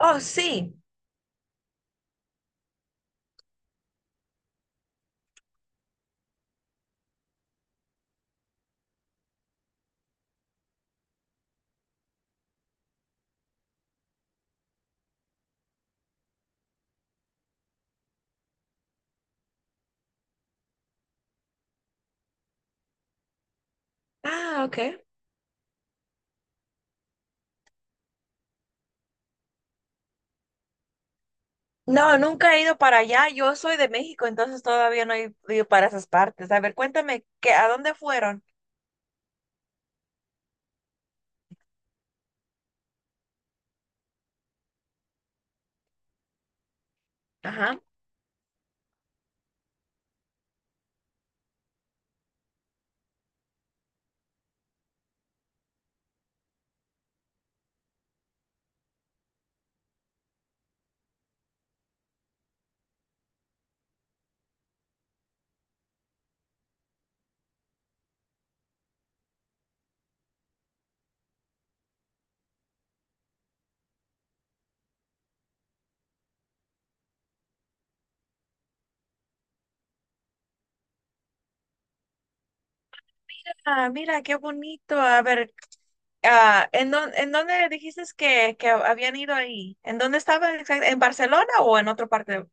Oh, sí. Ah, ok. No, nunca he ido para allá. Yo soy de México, entonces todavía no he ido para esas partes. A ver, cuéntame, ¿a dónde fueron? Ajá. Ah, mira, qué bonito. A ver, en dónde dijiste que habían ido ahí? ¿En dónde estaban exact ¿En Barcelona o en otra parte?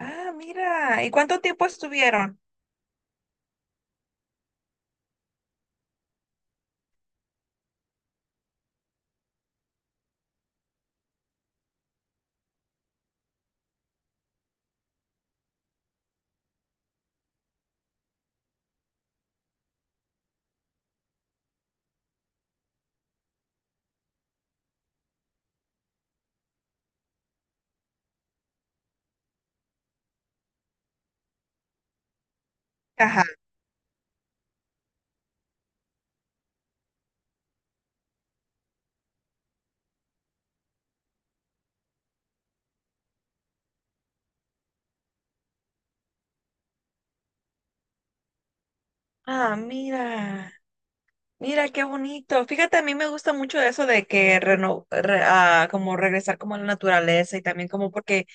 Ah, mira. ¿Y cuánto tiempo estuvieron? Ajá. Ah, mira, mira qué bonito. Fíjate, a mí me gusta mucho eso de que como regresar como a la naturaleza y también como porque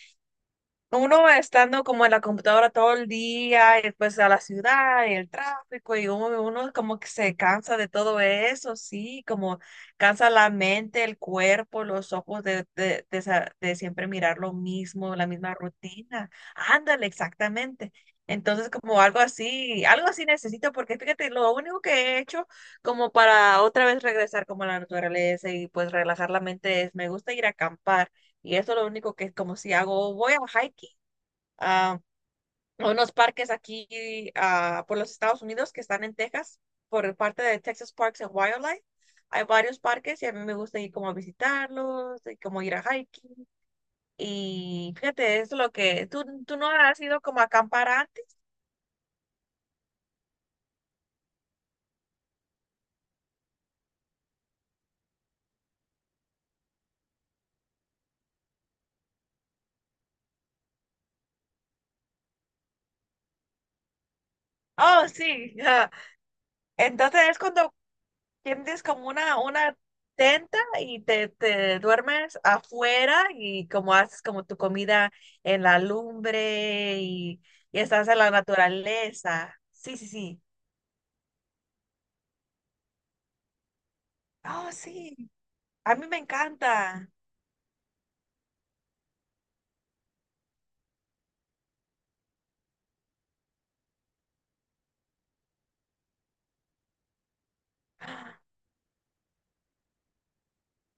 uno estando como en la computadora todo el día y después a la ciudad y el tráfico y uno como que se cansa de todo eso, sí, como cansa la mente, el cuerpo, los ojos de siempre mirar lo mismo, la misma rutina. Ándale, exactamente. Entonces como algo así necesito porque fíjate, lo único que he hecho como para otra vez regresar como a la naturaleza y pues relajar la mente es, me gusta ir a acampar. Y eso es lo único que es como si hago, voy a hiking, a unos parques aquí por los Estados Unidos que están en Texas, por parte de Texas Parks and Wildlife. Hay varios parques y a mí me gusta ir como a visitarlos, y como ir a hiking. Y fíjate, eso es lo que, ¿tú no has ido como a acampar antes? Oh, sí. Entonces es cuando tienes como una tenta y te duermes afuera y como haces como tu comida en la lumbre y estás en la naturaleza. Sí, sí, sí. Oh, sí. A mí me encanta. Ah,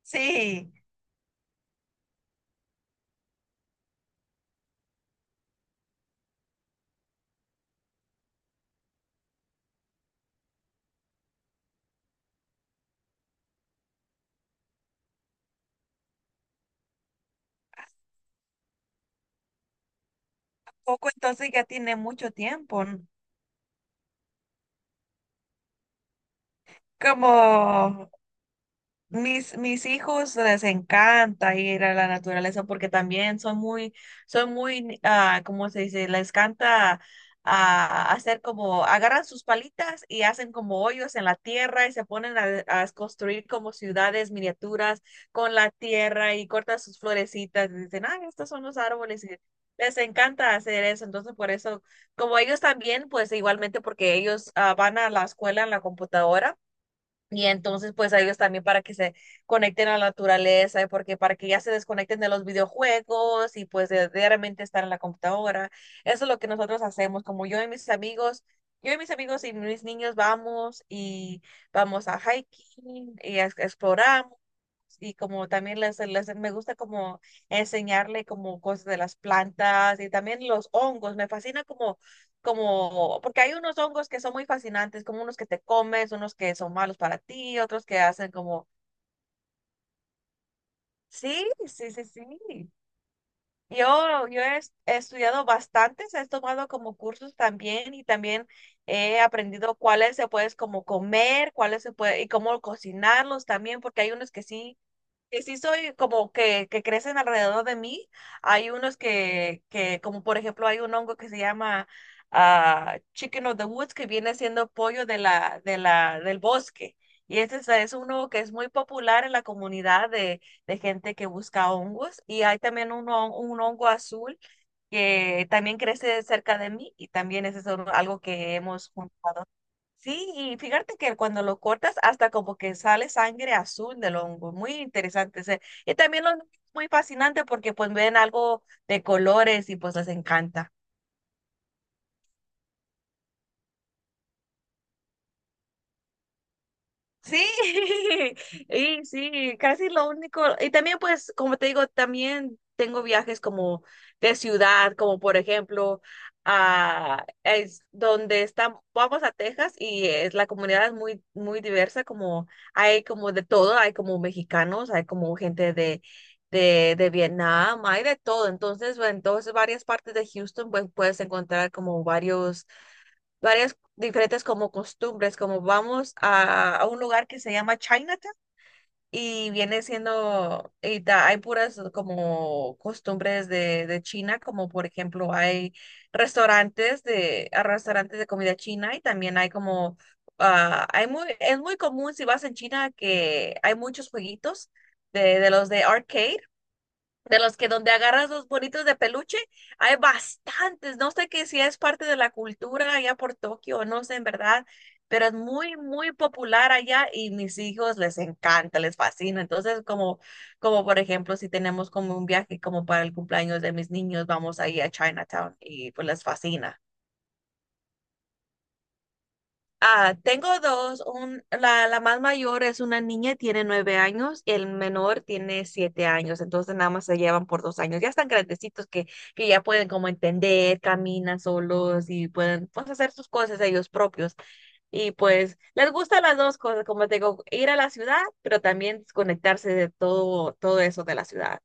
sí. Poco entonces ya tiene mucho tiempo, ¿no? Como mis hijos les encanta ir a la naturaleza porque también ¿cómo se dice? Les encanta hacer como, agarran sus palitas y hacen como hoyos en la tierra y se ponen a construir como ciudades miniaturas con la tierra y cortan sus florecitas y dicen, ah, estos son los árboles y les encanta hacer eso. Entonces, por eso, como ellos también, pues igualmente porque ellos van a la escuela en la computadora. Y entonces, pues a ellos también para que se conecten a la naturaleza, y porque para que ya se desconecten de los videojuegos y pues de realmente estar en la computadora. Eso es lo que nosotros hacemos, como yo y mis amigos, yo y mis amigos y mis niños vamos y vamos a hiking y exploramos y como también me gusta como enseñarle como cosas de las plantas y también los hongos. Me fascina porque hay unos hongos que son muy fascinantes, como unos que te comes, unos que son malos para ti, otros que hacen como, sí. He estudiado bastantes, he tomado como cursos también y también he aprendido cuáles se puedes como comer, cuáles se puede y cómo cocinarlos también, porque hay unos que sí soy como que crecen alrededor de mí. Hay unos como por ejemplo, hay un hongo que se llama Chicken of the Woods, que viene siendo pollo de del bosque. Y este es uno que es muy popular en la comunidad de gente que busca hongos. Y hay también un hongo azul que también crece cerca de mí y también ese es algo que hemos juntado. Sí, y fíjate que cuando lo cortas hasta como que sale sangre azul del hongo, muy interesante. Y también lo muy fascinante porque pues ven algo de colores y pues les encanta. Sí, y sí, casi lo único. Y también, pues, como te digo, también tengo viajes como de ciudad, como por ejemplo, a es donde estamos, vamos a Texas y es, la comunidad es muy diversa, como hay como de todo, hay como mexicanos, hay como gente de Vietnam, hay de todo. Entonces, bueno, entonces varias partes de Houston, pues puedes encontrar como varios varias diferentes como costumbres, como vamos a un lugar que se llama Chinatown y viene siendo, y hay puras como costumbres de China, como por ejemplo hay restaurantes a restaurantes de comida china y también hay como, hay muy, es muy común si vas en China que hay muchos jueguitos de los de arcade de los que donde agarras los bonitos de peluche, hay bastantes. No sé que si es parte de la cultura allá por Tokio, no sé en verdad, pero es muy popular allá y mis hijos les encanta, les fascina. Entonces, como, como por ejemplo, si tenemos como un viaje como para el cumpleaños de mis niños, vamos ahí a Chinatown y pues les fascina. Ah, tengo dos. La más mayor es una niña, tiene 9 años, el menor tiene 7 años, entonces nada más se llevan por 2 años. Ya están grandecitos que ya pueden como entender, caminan solos y pueden pues, hacer sus cosas ellos propios. Y pues les gustan las dos cosas, como te digo, ir a la ciudad, pero también desconectarse de todo, todo eso de la ciudad.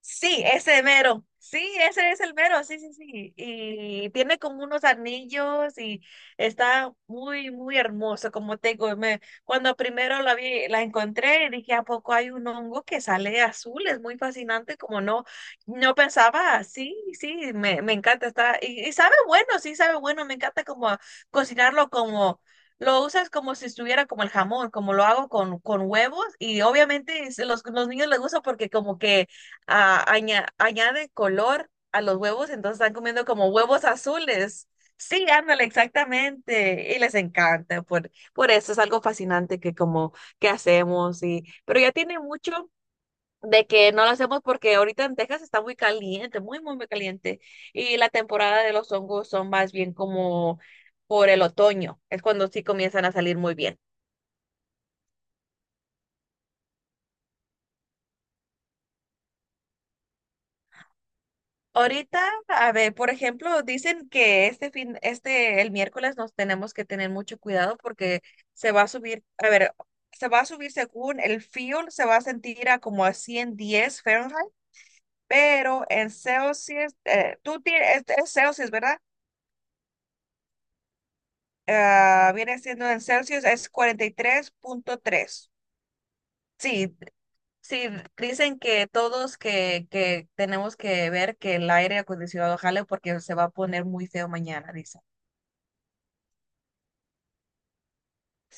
Sí, ese mero. Sí, ese es el mero, sí, sí, sí. Y tiene como unos anillos y está muy hermoso, como te digo. Cuando primero la vi, la encontré, dije, ¿a poco hay un hongo que sale azul? Es muy fascinante, como no, no pensaba, sí, sí, me encanta, está, y sabe bueno, sí, sabe bueno, me encanta como cocinarlo como... Lo usas como si estuviera como el jamón, como lo hago con huevos y obviamente los niños les gusta porque como que añade color a los huevos, entonces están comiendo como huevos azules. Sí, ándale, exactamente. Y les encanta. Por eso es algo fascinante que como que hacemos. Y, pero ya tiene mucho de que no lo hacemos porque ahorita en Texas está muy caliente, muy caliente. Y la temporada de los hongos son más bien como por el otoño. Es cuando sí comienzan a salir muy bien. Ahorita, a ver, por ejemplo, dicen que este fin, este, el miércoles nos tenemos que tener mucho cuidado porque se va a subir, a ver, se va a subir según el fuel, se va a sentir a como a 110 °F, pero en Celsius, tú tienes, es Celsius, ¿verdad? Ah, viene siendo en Celsius, es 43,3. Sí, sí, dicen que todos que tenemos que ver que el aire acondicionado jale porque se va a poner muy feo mañana,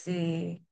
sí.